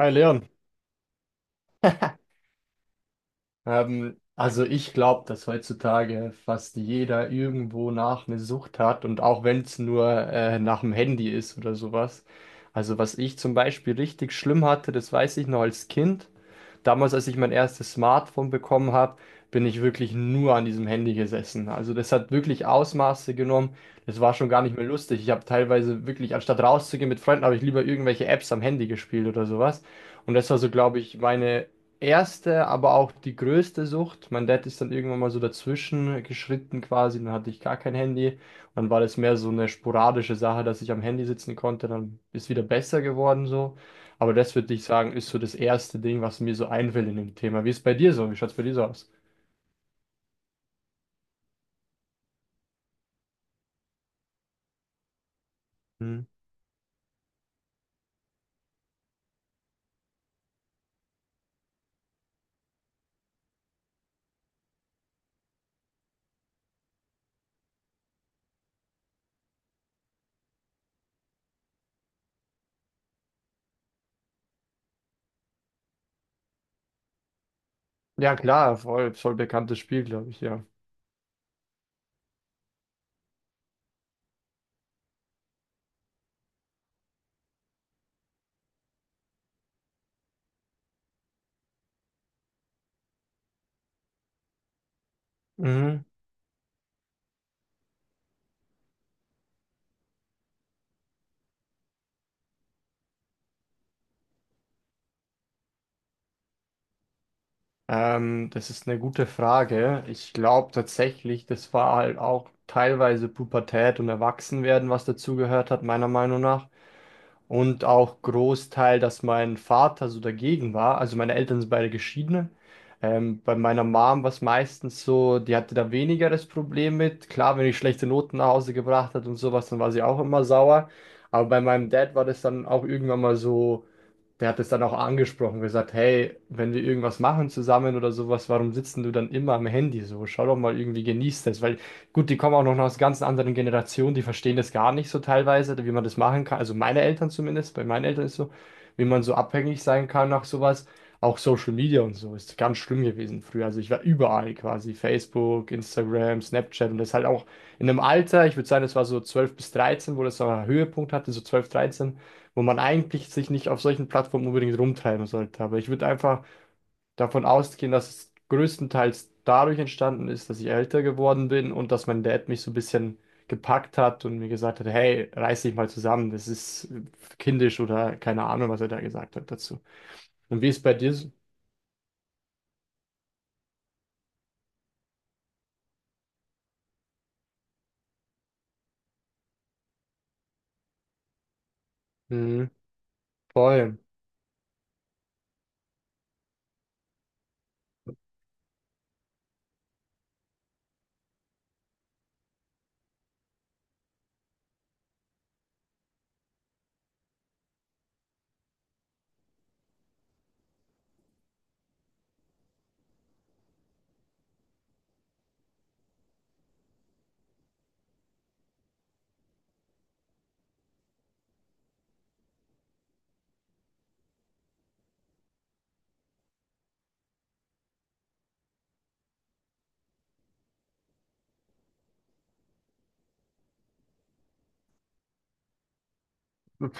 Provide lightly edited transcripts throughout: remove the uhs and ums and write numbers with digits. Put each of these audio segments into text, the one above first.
Hi Leon, also ich glaube, dass heutzutage fast jeder irgendwo nach eine Sucht hat und auch wenn es nur nach dem Handy ist oder sowas. Also was ich zum Beispiel richtig schlimm hatte, das weiß ich noch als Kind. Damals, als ich mein erstes Smartphone bekommen habe, bin ich wirklich nur an diesem Handy gesessen. Also das hat wirklich Ausmaße genommen. Das war schon gar nicht mehr lustig. Ich habe teilweise wirklich, anstatt rauszugehen mit Freunden, habe ich lieber irgendwelche Apps am Handy gespielt oder sowas. Und das war so, glaube ich, meine erste, aber auch die größte Sucht. Mein Dad ist dann irgendwann mal so dazwischen geschritten quasi, dann hatte ich gar kein Handy. Und dann war das mehr so eine sporadische Sache, dass ich am Handy sitzen konnte, dann ist wieder besser geworden so. Aber das würde ich sagen, ist so das erste Ding, was mir so einfällt in dem Thema. Wie ist bei dir so? Wie schaut es bei dir so aus? Hm. Ja, klar, voll, voll bekanntes Spiel, glaube ich, ja. Mhm. Das ist eine gute Frage. Ich glaube tatsächlich, das war halt auch teilweise Pubertät und Erwachsenwerden, was dazugehört hat, meiner Meinung nach. Und auch Großteil, dass mein Vater so dagegen war. Also meine Eltern sind beide geschiedene. Bei meiner Mom war es meistens so, die hatte da weniger das Problem mit. Klar, wenn ich schlechte Noten nach Hause gebracht hat und sowas, dann war sie auch immer sauer. Aber bei meinem Dad war das dann auch irgendwann mal so, der hat es dann auch angesprochen, gesagt, hey, wenn wir irgendwas machen zusammen oder sowas, warum sitzen du dann immer am Handy so? Schau doch mal irgendwie, genieß das. Weil gut, die kommen auch noch aus ganz anderen Generationen, die verstehen das gar nicht so teilweise, wie man das machen kann. Also meine Eltern zumindest, bei meinen Eltern ist so, wie man so abhängig sein kann nach sowas. Auch Social Media und so ist ganz schlimm gewesen früher. Also ich war überall quasi, Facebook, Instagram, Snapchat und das halt auch in einem Alter, ich würde sagen, das war so 12 bis dreizehn, wo das so einen Höhepunkt hatte, so 12 dreizehn, wo man eigentlich sich nicht auf solchen Plattformen unbedingt rumtreiben sollte. Aber ich würde einfach davon ausgehen, dass es größtenteils dadurch entstanden ist, dass ich älter geworden bin und dass mein Dad mich so ein bisschen gepackt hat und mir gesagt hat, hey, reiß dich mal zusammen, das ist kindisch oder keine Ahnung, was er da gesagt hat dazu. Und wie ist bei dir so? Mhm, voll.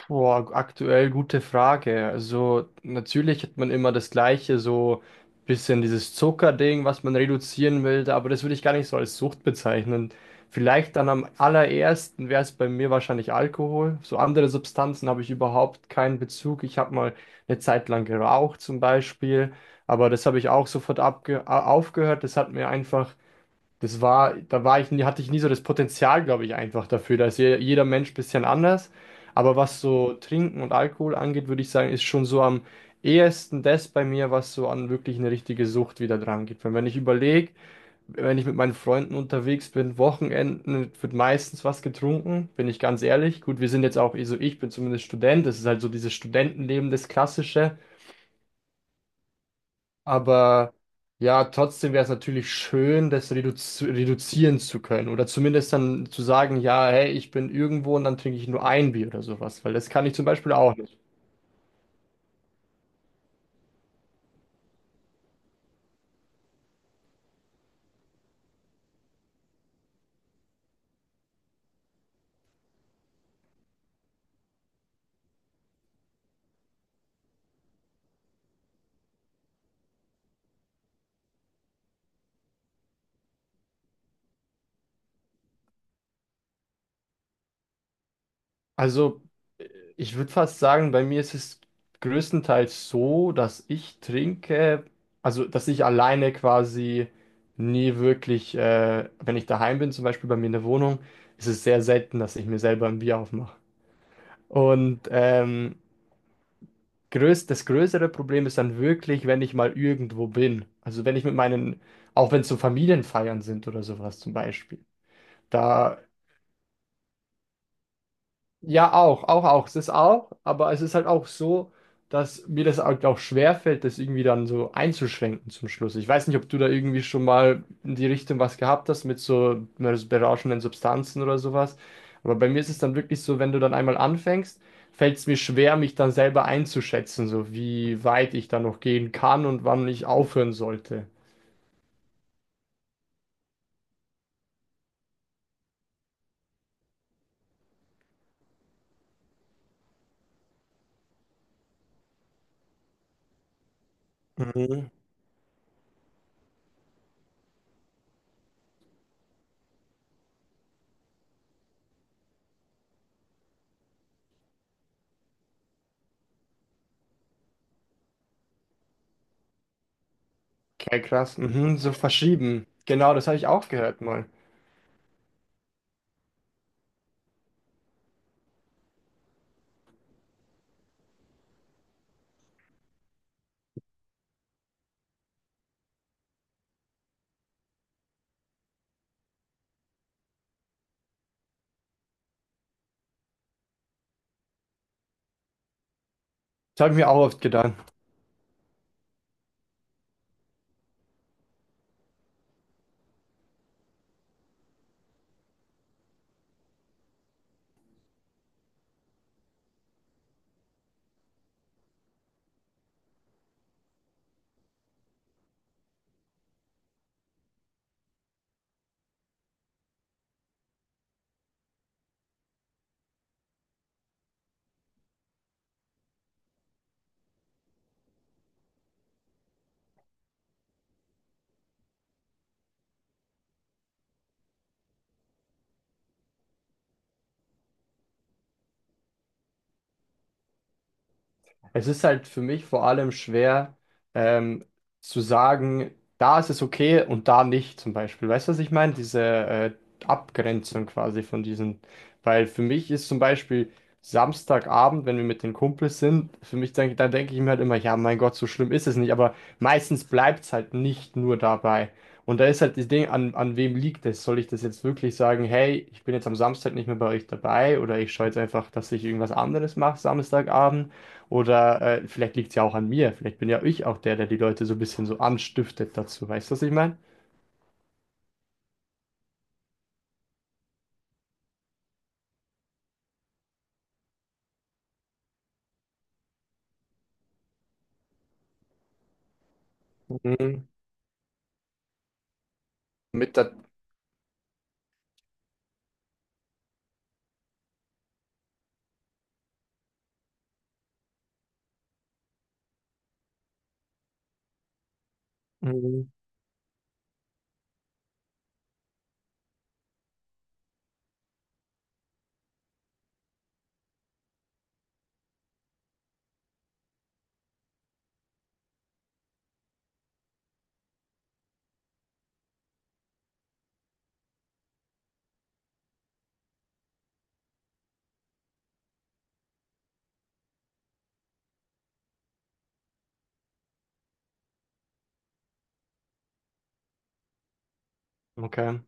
Boah, aktuell gute Frage. Also natürlich hat man immer das Gleiche, so ein bisschen dieses Zuckerding, was man reduzieren will, aber das würde ich gar nicht so als Sucht bezeichnen. Vielleicht dann am allerersten wäre es bei mir wahrscheinlich Alkohol. So andere Substanzen habe ich überhaupt keinen Bezug. Ich habe mal eine Zeit lang geraucht zum Beispiel, aber das habe ich auch sofort aufgehört. Das hat mir einfach, das war, da war ich, hatte ich nie so das Potenzial, glaube ich, einfach dafür. Da ist jeder Mensch ein bisschen anders. Aber was so Trinken und Alkohol angeht, würde ich sagen, ist schon so am ehesten das bei mir, was so an wirklich eine richtige Sucht wieder dran geht. Weil wenn ich überlege, wenn ich mit meinen Freunden unterwegs bin, Wochenenden wird meistens was getrunken, bin ich ganz ehrlich. Gut, wir sind jetzt auch, also ich bin zumindest Student, das ist halt so dieses Studentenleben, das Klassische. Aber ja, trotzdem wäre es natürlich schön, das reduzieren zu können. Oder zumindest dann zu sagen, ja, hey, ich bin irgendwo und dann trinke ich nur ein Bier oder sowas. Weil das kann ich zum Beispiel auch nicht. Also, äh, ich würde fast sagen, bei mir ist es größtenteils so, dass ich trinke, also dass ich alleine quasi nie wirklich, wenn ich daheim bin, zum Beispiel bei mir in der Wohnung, ist es sehr selten, dass ich mir selber ein Bier aufmache. Und Größ das größere Problem ist dann wirklich, wenn ich mal irgendwo bin. Also wenn ich mit meinen, auch wenn es so Familienfeiern sind oder sowas zum Beispiel. Da ja, auch, auch, auch. Es ist auch, aber es ist halt auch so, dass mir das halt auch schwerfällt, das irgendwie dann so einzuschränken zum Schluss. Ich weiß nicht, ob du da irgendwie schon mal in die Richtung was gehabt hast mit so berauschenden Substanzen oder sowas. Aber bei mir ist es dann wirklich so, wenn du dann einmal anfängst, fällt es mir schwer, mich dann selber einzuschätzen, so wie weit ich da noch gehen kann und wann ich aufhören sollte. Mhm. Okay, krass. Mhm, so verschieben. Genau, das habe ich auch gehört mal. Das habe ich mir auch oft gedacht. Es ist halt für mich vor allem schwer, ähm, zu sagen, da ist es okay und da nicht, zum Beispiel. Weißt du, was ich meine? Diese Abgrenzung quasi von diesen. Weil für mich ist zum Beispiel Samstagabend, wenn wir mit den Kumpels sind, für mich denke, da denke ich mir halt immer, ja, mein Gott, so schlimm ist es nicht. Aber meistens bleibt es halt nicht nur dabei. Und da ist halt das Ding, an wem liegt es? Soll ich das jetzt wirklich sagen, hey, ich bin jetzt am Samstag nicht mehr bei euch dabei oder ich schaue jetzt einfach, dass ich irgendwas anderes mache Samstagabend? Oder vielleicht liegt es ja auch an mir. Vielleicht bin ja ich auch der, der die Leute so ein bisschen so anstiftet dazu. Weißt du, was ich meine? Mhm. Mit der, mhm. Okay.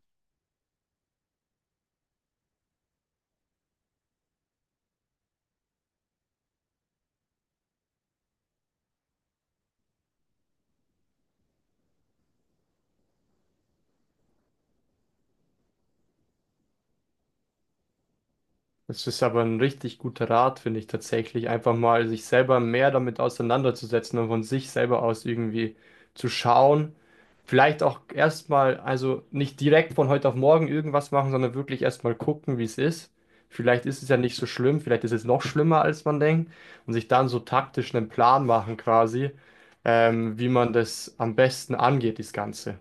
Das ist aber ein richtig guter Rat, finde ich tatsächlich, einfach mal sich selber mehr damit auseinanderzusetzen und von sich selber aus irgendwie zu schauen. Vielleicht auch erstmal, also nicht direkt von heute auf morgen irgendwas machen, sondern wirklich erstmal gucken, wie es ist. Vielleicht ist es ja nicht so schlimm, vielleicht ist es noch schlimmer, als man denkt. Und sich dann so taktisch einen Plan machen quasi, wie man das am besten angeht, das Ganze.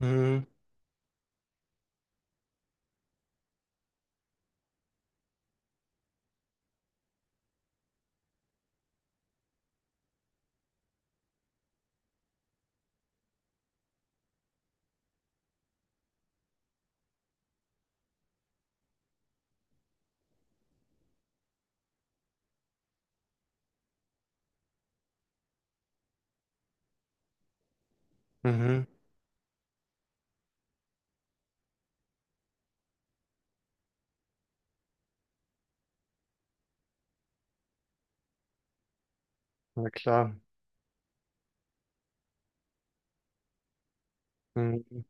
Mhm, mhm, na klar. Mhm.